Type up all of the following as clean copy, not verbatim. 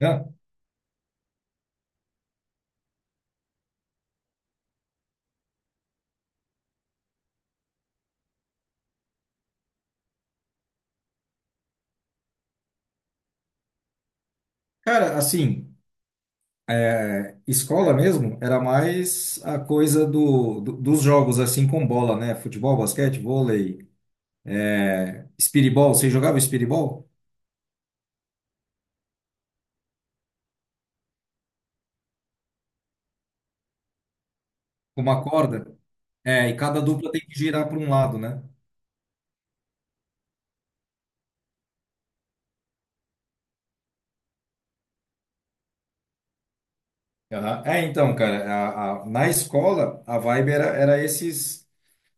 Não, cara, assim, escola mesmo era mais a coisa dos jogos, assim, com bola, né? Futebol, basquete, vôlei, espiribol. Você jogava espiribol? Com uma corda? É, e cada dupla tem que girar para um lado, né? Aham. É, então, cara, na escola, a vibe era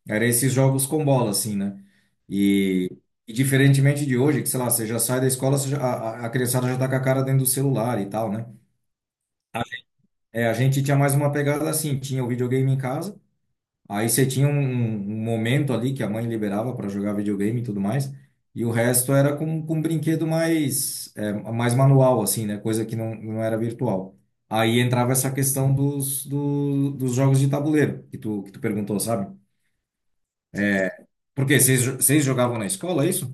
esses jogos com bola, assim, né? E, e diferentemente de hoje, que, sei lá, você já sai da escola, você já- a criançada já tá com a cara dentro do celular e tal, né? É, a gente tinha mais uma pegada assim, tinha o videogame em casa, aí você tinha um momento ali que a mãe liberava para jogar videogame e tudo mais, e o resto era com um brinquedo mais, é, mais manual, assim, né? Coisa que não era virtual. Aí entrava essa questão dos jogos de tabuleiro, que tu perguntou, sabe? Porque vocês jogavam na escola, é isso?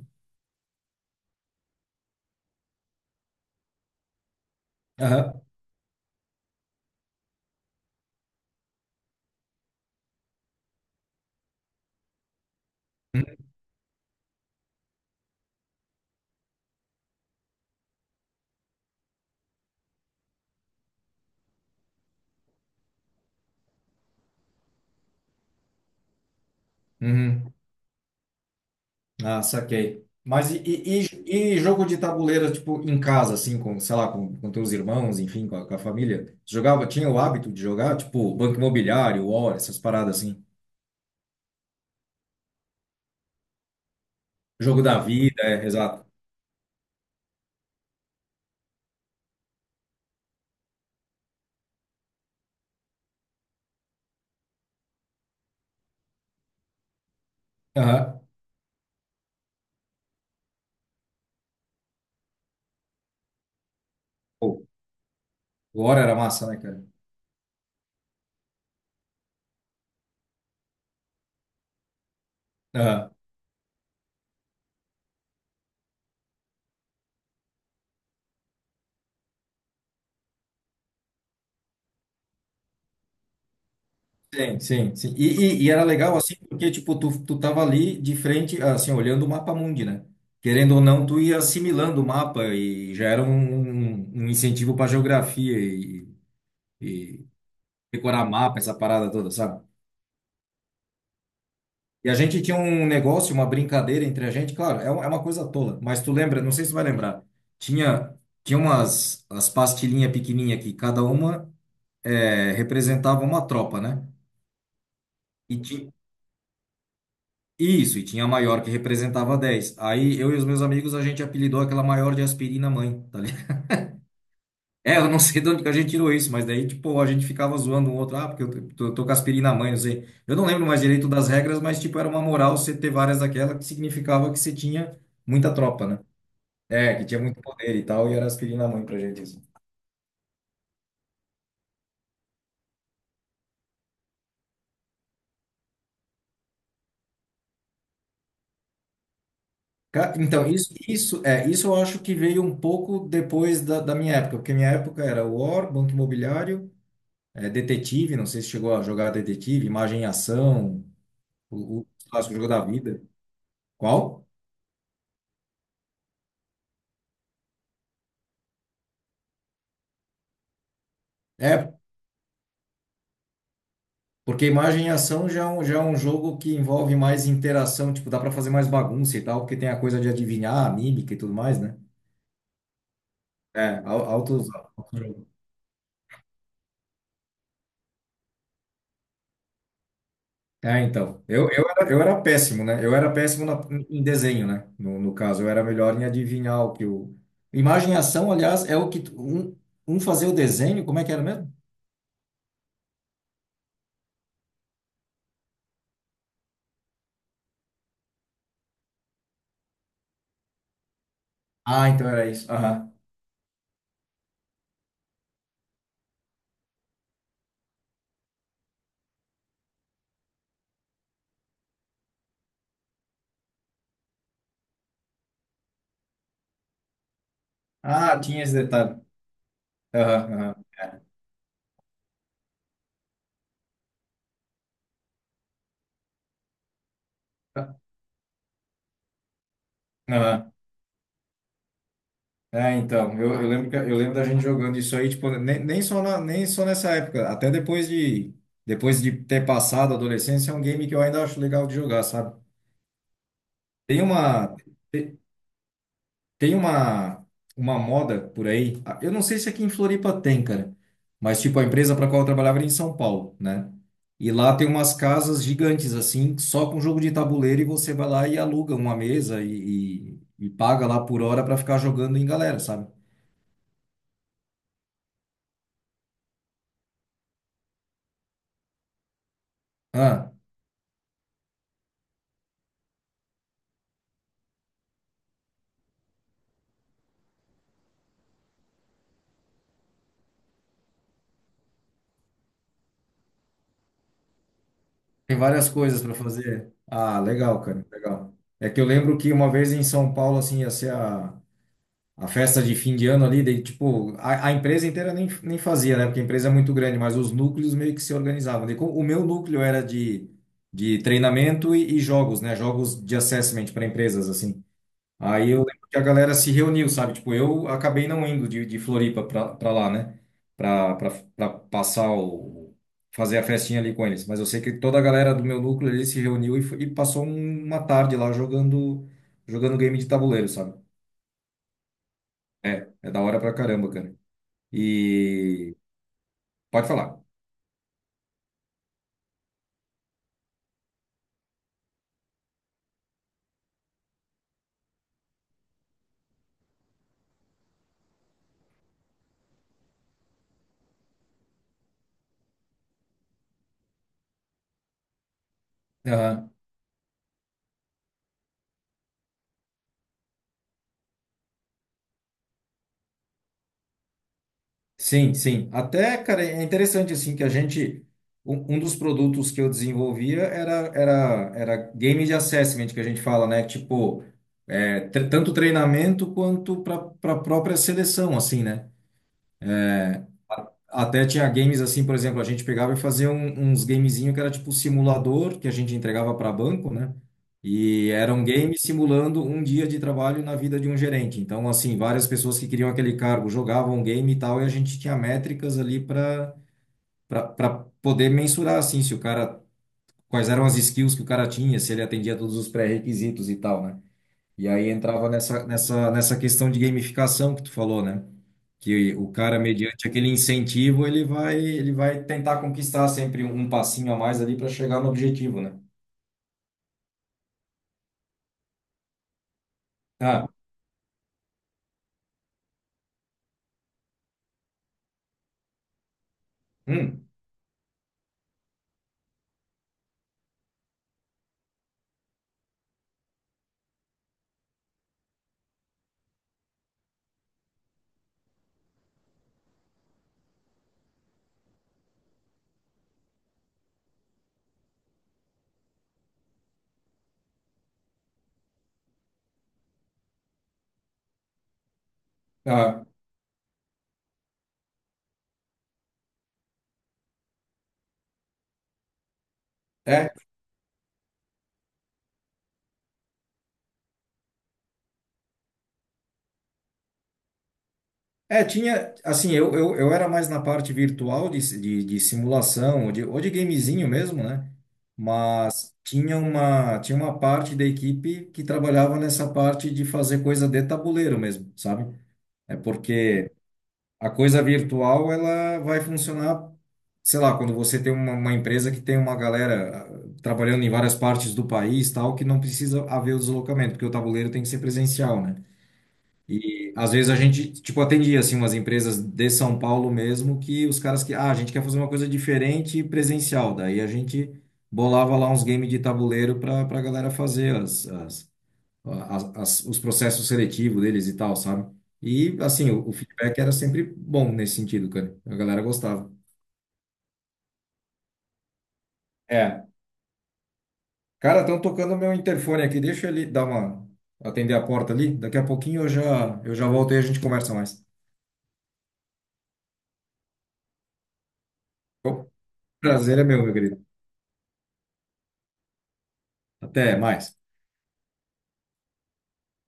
Aham. Uhum. Ah, saquei. Mas e jogo de tabuleiro, tipo, em casa, assim, com, sei lá, com teus irmãos, enfim, com a família? Jogava, tinha o hábito de jogar, tipo, Banco Imobiliário, War, essas paradas assim. Jogo da vida, é, exato. Aham. Pô, o War era massa, né, cara? Aham. Sim, sim, sim. E era legal, assim, porque, tipo, tu tava ali de frente, assim, olhando o mapa mundi, né? Querendo ou não, tu ia assimilando o mapa e já era um incentivo pra geografia e decorar mapa, essa parada toda, sabe? E a gente tinha um negócio, uma brincadeira entre a gente, claro, é, um- é uma coisa tola, mas tu lembra, não sei se tu vai lembrar, tinha, tinha umas as pastilhinhas pequenininhas que cada uma é, representava uma tropa, né? E ti- isso, e tinha a maior que representava 10. Aí eu e os meus amigos, a gente apelidou aquela maior de aspirina mãe, tá. É, eu não sei de onde que a gente tirou isso, mas daí, tipo, a gente ficava zoando um outro, ah, porque eu tô com aspirina na mãe, não sei. Eu não lembro mais direito das regras, mas, tipo, era uma moral você ter várias daquela que significava que você tinha muita tropa, né? É, que tinha muito poder e tal, e era aspirina na mãe pra gente isso. Então, isso eu acho que veio um pouco depois da minha época, porque minha época era War, Banco Imobiliário, é, Detetive, não sei se chegou a jogar Detetive, Imagem e Ação, o clássico jogo da vida. Qual? É. Porque imagem e ação já é um jogo que envolve mais interação, tipo, dá pra fazer mais bagunça e tal, porque tem a coisa de adivinhar, a mímica e tudo mais, né? É, al- altos, altos jogos. É, então. Eu era péssimo, né? Eu era péssimo em desenho, né? No caso, eu era melhor em adivinhar o que o. Imagem e ação, aliás, é o que. Tu- Um fazia o desenho, como é que era mesmo? Ah, então era isso. Aham. Ah, tinha esse detalhe. Aham, aham. Aham. É, então, eu lembro da gente jogando isso aí, tipo, nem só nessa época, até depois de ter passado a adolescência, é um game que eu ainda acho legal de jogar, sabe? Tem uma te- tem uma uma moda por aí. Ah, Eu não sei se aqui em Floripa tem, cara, mas tipo a empresa para qual eu trabalhava era em São Paulo, né? E lá tem umas casas gigantes assim, só com jogo de tabuleiro e você vai lá e aluga uma mesa e paga lá por hora para ficar jogando em galera, sabe? Ah, tem várias coisas para fazer. Ah, legal, cara, legal. É que eu lembro que uma vez em São Paulo, assim, ia ser a festa de fim de ano ali, daí, tipo, a empresa inteira nem fazia, né? Porque a empresa é muito grande, mas os núcleos meio que se organizavam. Daí, co- o meu núcleo era de treinamento e jogos, né? Jogos de assessment para empresas, assim. Aí eu lembro que a galera se reuniu, sabe? Tipo, eu acabei não indo de Floripa pra lá, né? Pra, pra, pra passar o... fazer a festinha ali com eles. Mas eu sei que toda a galera do meu núcleo ali se reuniu e passou um- uma tarde lá jogando, jogando game de tabuleiro, sabe? É da hora pra caramba, cara. E... Pode falar. Sim, sim. Até, cara, é interessante assim que a gente um, um dos produtos que eu desenvolvia era game de assessment que a gente fala, né? Tipo, é, tre- tanto treinamento quanto para própria seleção, assim, né? Até tinha games assim, por exemplo, a gente pegava e fazia um- uns gamezinho que era tipo simulador que a gente entregava para banco, né? E era um game simulando um dia de trabalho na vida de um gerente. Então, assim, várias pessoas que queriam aquele cargo jogavam um game e tal, e a gente tinha métricas ali para poder mensurar assim se o cara quais eram as skills que o cara tinha, se ele atendia todos os pré-requisitos e tal, né? E aí entrava nessa questão de gamificação que tu falou, né? Que o cara mediante aquele incentivo, ele vai tentar conquistar sempre um passinho a mais ali para chegar no objetivo, né? Ah, hum, ah, é. É, tinha, assim, eu era mais na parte virtual de simulação, ou de gamezinho mesmo, né? Tinha uma, tinha uma parte da equipe que trabalhava nessa parte de fazer coisa de tabuleiro mesmo, sabe? É porque a coisa virtual ela vai funcionar, sei lá, quando você tem uma empresa que tem uma galera ah, trabalhando em várias partes do país, tal, que não precisa haver o deslocamento, porque o tabuleiro tem que ser presencial, né? E às vezes a gente, tipo, atendia assim umas empresas de São Paulo mesmo que os caras que, ah, a gente quer fazer uma coisa diferente e presencial. Daí a gente bolava lá uns games de tabuleiro para para galera fazer as, as, as, as- os processos seletivos deles e tal, sabe? E assim, o feedback era sempre bom nesse sentido, cara. A galera gostava. É. Cara, estão tocando meu interfone aqui. Deixa ele dar uma atender a porta ali. Daqui a pouquinho eu já volto e a gente conversa mais. Bom, prazer é meu, meu querido. Até mais.